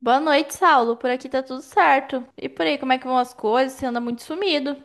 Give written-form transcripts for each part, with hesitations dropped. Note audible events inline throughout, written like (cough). Boa noite, Saulo. Por aqui tá tudo certo. E por aí, como é que vão as coisas? Você anda muito sumido.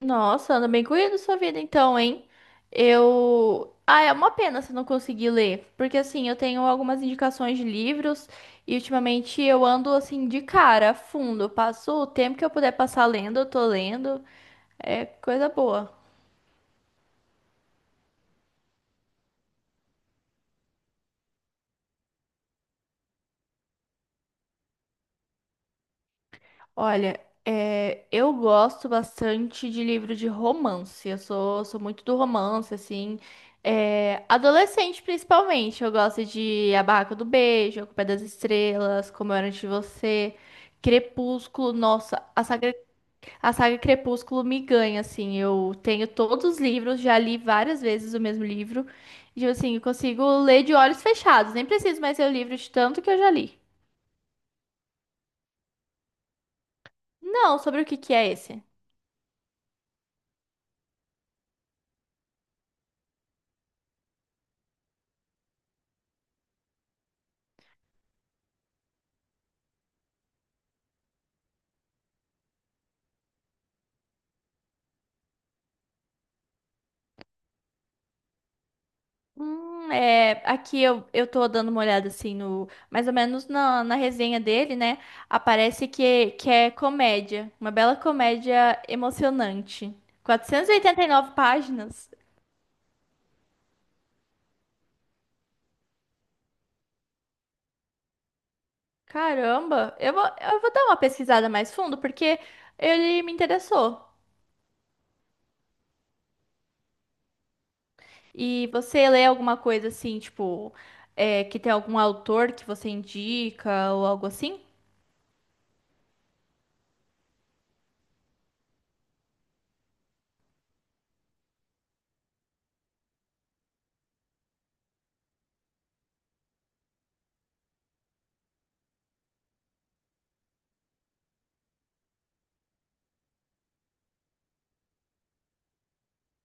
Nossa, anda bem corrido sua vida então, hein? É uma pena você não conseguir ler, porque assim, eu tenho algumas indicações de livros e ultimamente eu ando assim de cara, fundo. Eu passo o tempo que eu puder passar lendo, eu tô lendo. É coisa boa. Olha, é, eu gosto bastante de livro de romance. Eu sou muito do romance, assim. É, adolescente, principalmente. Eu gosto de A Barraca do Beijo, A Culpa é das Estrelas, Como Eu Era Antes de Você, Crepúsculo. Nossa, a saga Crepúsculo me ganha, assim. Eu tenho todos os livros, já li várias vezes o mesmo livro. E, tipo assim, eu consigo ler de olhos fechados. Nem preciso mais ler o livro de tanto que eu já li. Não, sobre o que que é esse? É, aqui eu tô dando uma olhada assim no, mais ou menos na resenha dele, né? Aparece que é comédia, uma bela comédia emocionante. E 89 páginas. Caramba, eu vou dar uma pesquisada mais fundo porque ele me interessou. E você lê alguma coisa assim, tipo, é, que tem algum autor que você indica ou algo assim?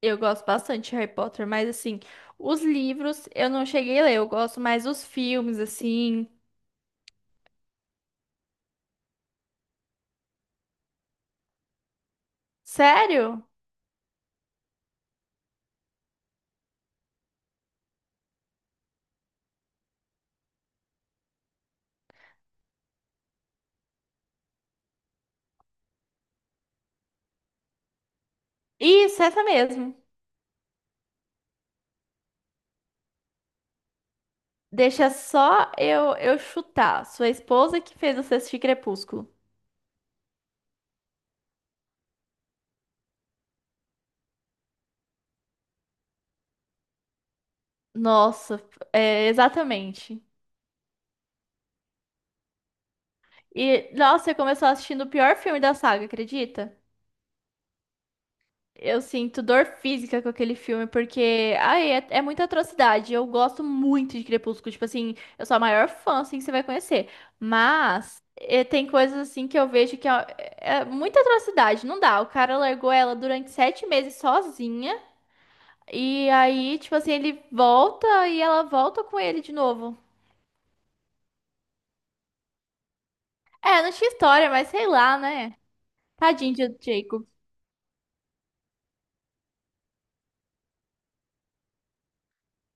Eu gosto bastante de Harry Potter, mas assim, os livros eu não cheguei a ler, eu gosto mais dos filmes, assim. Sério? Isso, essa mesmo. Deixa só eu chutar. Sua esposa que fez você assistir Crepúsculo. Nossa, é, exatamente. E, nossa, você começou assistindo o pior filme da saga, acredita? Eu sinto dor física com aquele filme, porque, ai, é muita atrocidade. Eu gosto muito de Crepúsculo. Tipo assim, eu sou a maior fã, assim, que você vai conhecer. Mas tem coisas, assim, que eu vejo que ó, é muita atrocidade. Não dá. O cara largou ela durante 7 meses sozinha. E aí, tipo assim, ele volta e ela volta com ele de novo. É, não tinha história, mas sei lá, né? Tadinho de Jacob.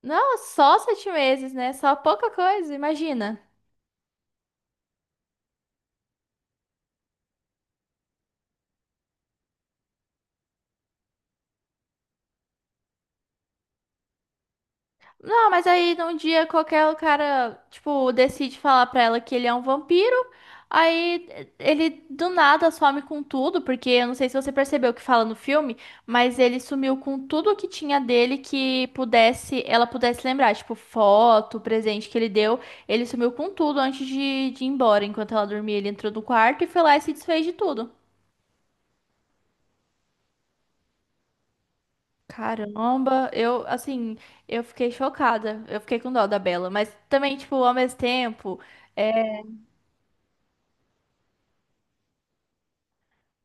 Não, só 7 meses, né? Só pouca coisa, imagina. Não, mas aí num dia qualquer o cara, tipo, decide falar pra ela que ele é um vampiro. Aí ele do nada some com tudo, porque eu não sei se você percebeu o que fala no filme, mas ele sumiu com tudo que tinha dele que pudesse, ela pudesse lembrar, tipo, foto, presente que ele deu. Ele sumiu com tudo antes de ir embora. Enquanto ela dormia, ele entrou no quarto e foi lá e se desfez de tudo. Caramba, eu, assim, eu fiquei chocada. Eu fiquei com dó da Bela, mas também, tipo, ao mesmo tempo.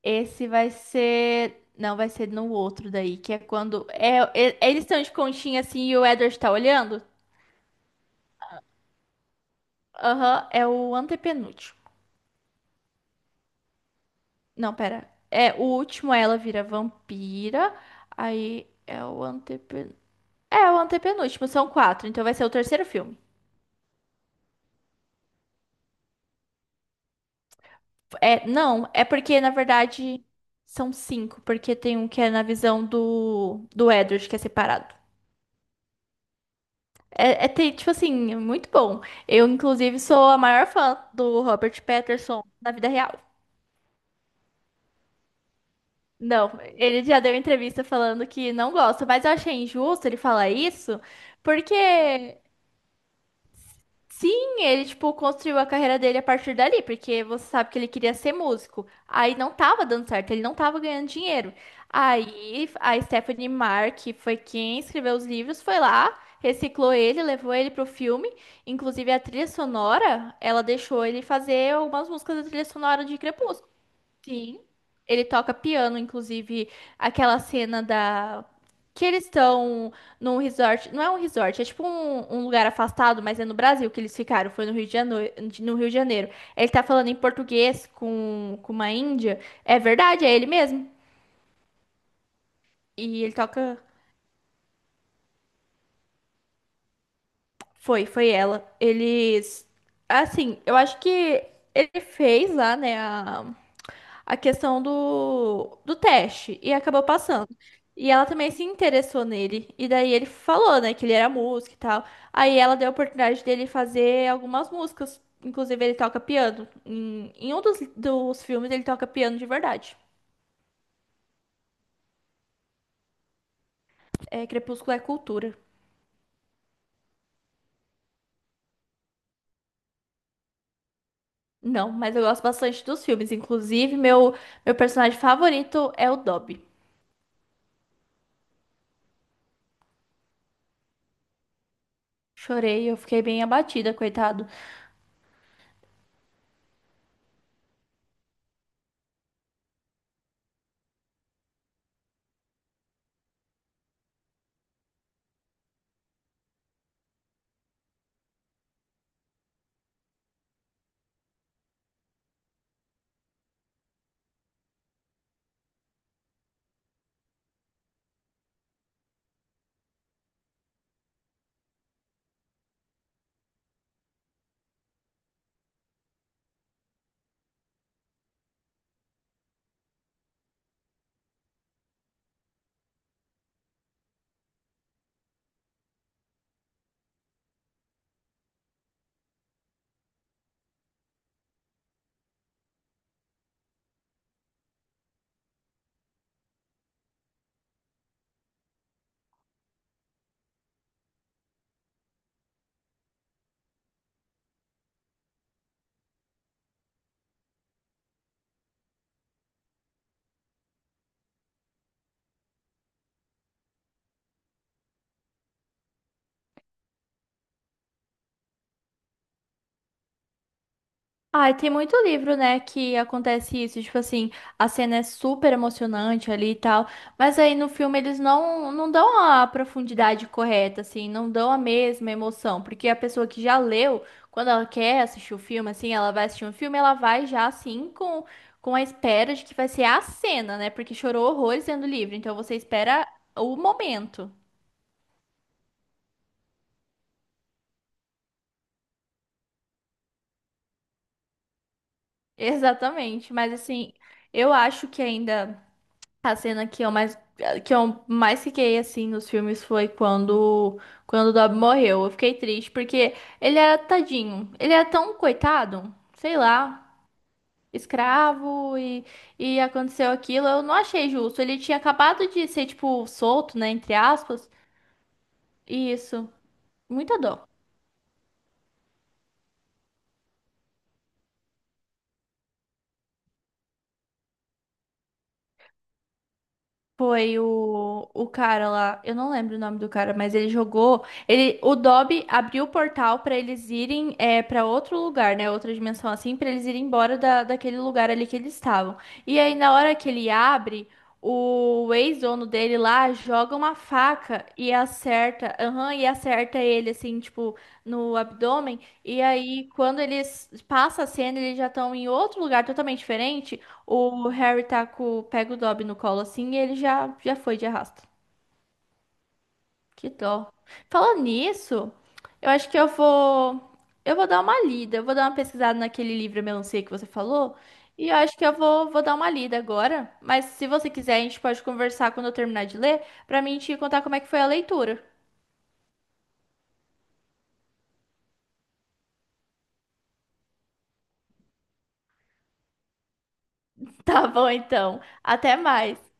Esse vai ser. Não, vai ser no outro daí, que é quando. É, eles estão de conchinha assim e o Edward tá olhando? Aham, é o antepenúltimo. Não, pera. É, o último ela vira vampira. Aí é o antepen... É o antepenúltimo, são quatro, então vai ser o terceiro filme. É, não, é porque na verdade são cinco, porque tem um que é na visão do Edward, que é separado. É, tipo assim, é muito bom. Eu, inclusive, sou a maior fã do Robert Patterson na vida real. Não, ele já deu entrevista falando que não gosta, mas eu achei injusto ele falar isso, porque sim, ele, tipo, construiu a carreira dele a partir dali, porque você sabe que ele queria ser músico. Aí não tava dando certo, ele não tava ganhando dinheiro. Aí a Stephanie Meyer, que foi quem escreveu os livros, foi lá, reciclou ele, levou ele pro filme. Inclusive a trilha sonora, ela deixou ele fazer algumas músicas da trilha sonora de Crepúsculo. Sim. Ele toca piano, inclusive, aquela cena da. Que eles estão num resort. Não é um resort, é tipo um lugar afastado, mas é no Brasil que eles ficaram. Foi no Rio de Janeiro. No Rio de Janeiro. Ele tá falando em português com uma índia. É verdade, é ele mesmo. E ele toca. Foi, foi ela. Eles. Assim, eu acho que ele fez lá, né? A questão do teste e acabou passando. E ela também se interessou nele. E daí ele falou, né, que ele era músico e tal. Aí ela deu a oportunidade dele fazer algumas músicas. Inclusive, ele toca piano. Em um dos filmes, ele toca piano de verdade. É, Crepúsculo é cultura. Não, mas eu gosto bastante dos filmes. Inclusive, meu personagem favorito é o Dobby. Chorei, eu fiquei bem abatida, coitado. Ai, tem muito livro, né, que acontece isso, tipo assim, a cena é super emocionante ali e tal, mas aí no filme eles não dão a profundidade correta, assim, não dão a mesma emoção, porque a pessoa que já leu, quando ela quer assistir o filme, assim, ela vai assistir um filme, ela vai já, assim, com a espera de que vai ser a cena, né, porque chorou horrores lendo o livro, então você espera o momento. (laughs) Exatamente, mas assim, eu acho que ainda. A cena que eu mais fiquei assim nos filmes foi quando o Dobby morreu. Eu fiquei triste porque ele era tadinho. Ele era tão coitado, sei lá, escravo e aconteceu aquilo. Eu não achei justo. Ele tinha acabado de ser tipo solto, né, entre aspas. E isso, muita dor. Foi o cara lá, eu não lembro o nome do cara, mas ele jogou. Ele, o Dobby abriu o portal pra eles irem é, para outro lugar, né? Outra dimensão assim, pra eles irem embora daquele lugar ali que eles estavam. E aí, na hora que ele abre, o ex-dono dele lá joga uma faca e acerta, aham, e acerta ele assim, tipo, no abdômen. E aí, quando eles passa a cena, eles já estão em outro lugar totalmente diferente. O Harry tá com, pega o Dobby no colo assim e ele já, já foi de arrasto. Que dó. Falando nisso, eu acho que eu vou. Eu vou dar uma lida, eu vou dar uma pesquisada naquele livro Melancia que você falou. E eu acho que eu vou dar uma lida agora. Mas se você quiser, a gente pode conversar quando eu terminar de ler, pra mim te contar como é que foi a leitura. (laughs) Tá bom, então. Até mais.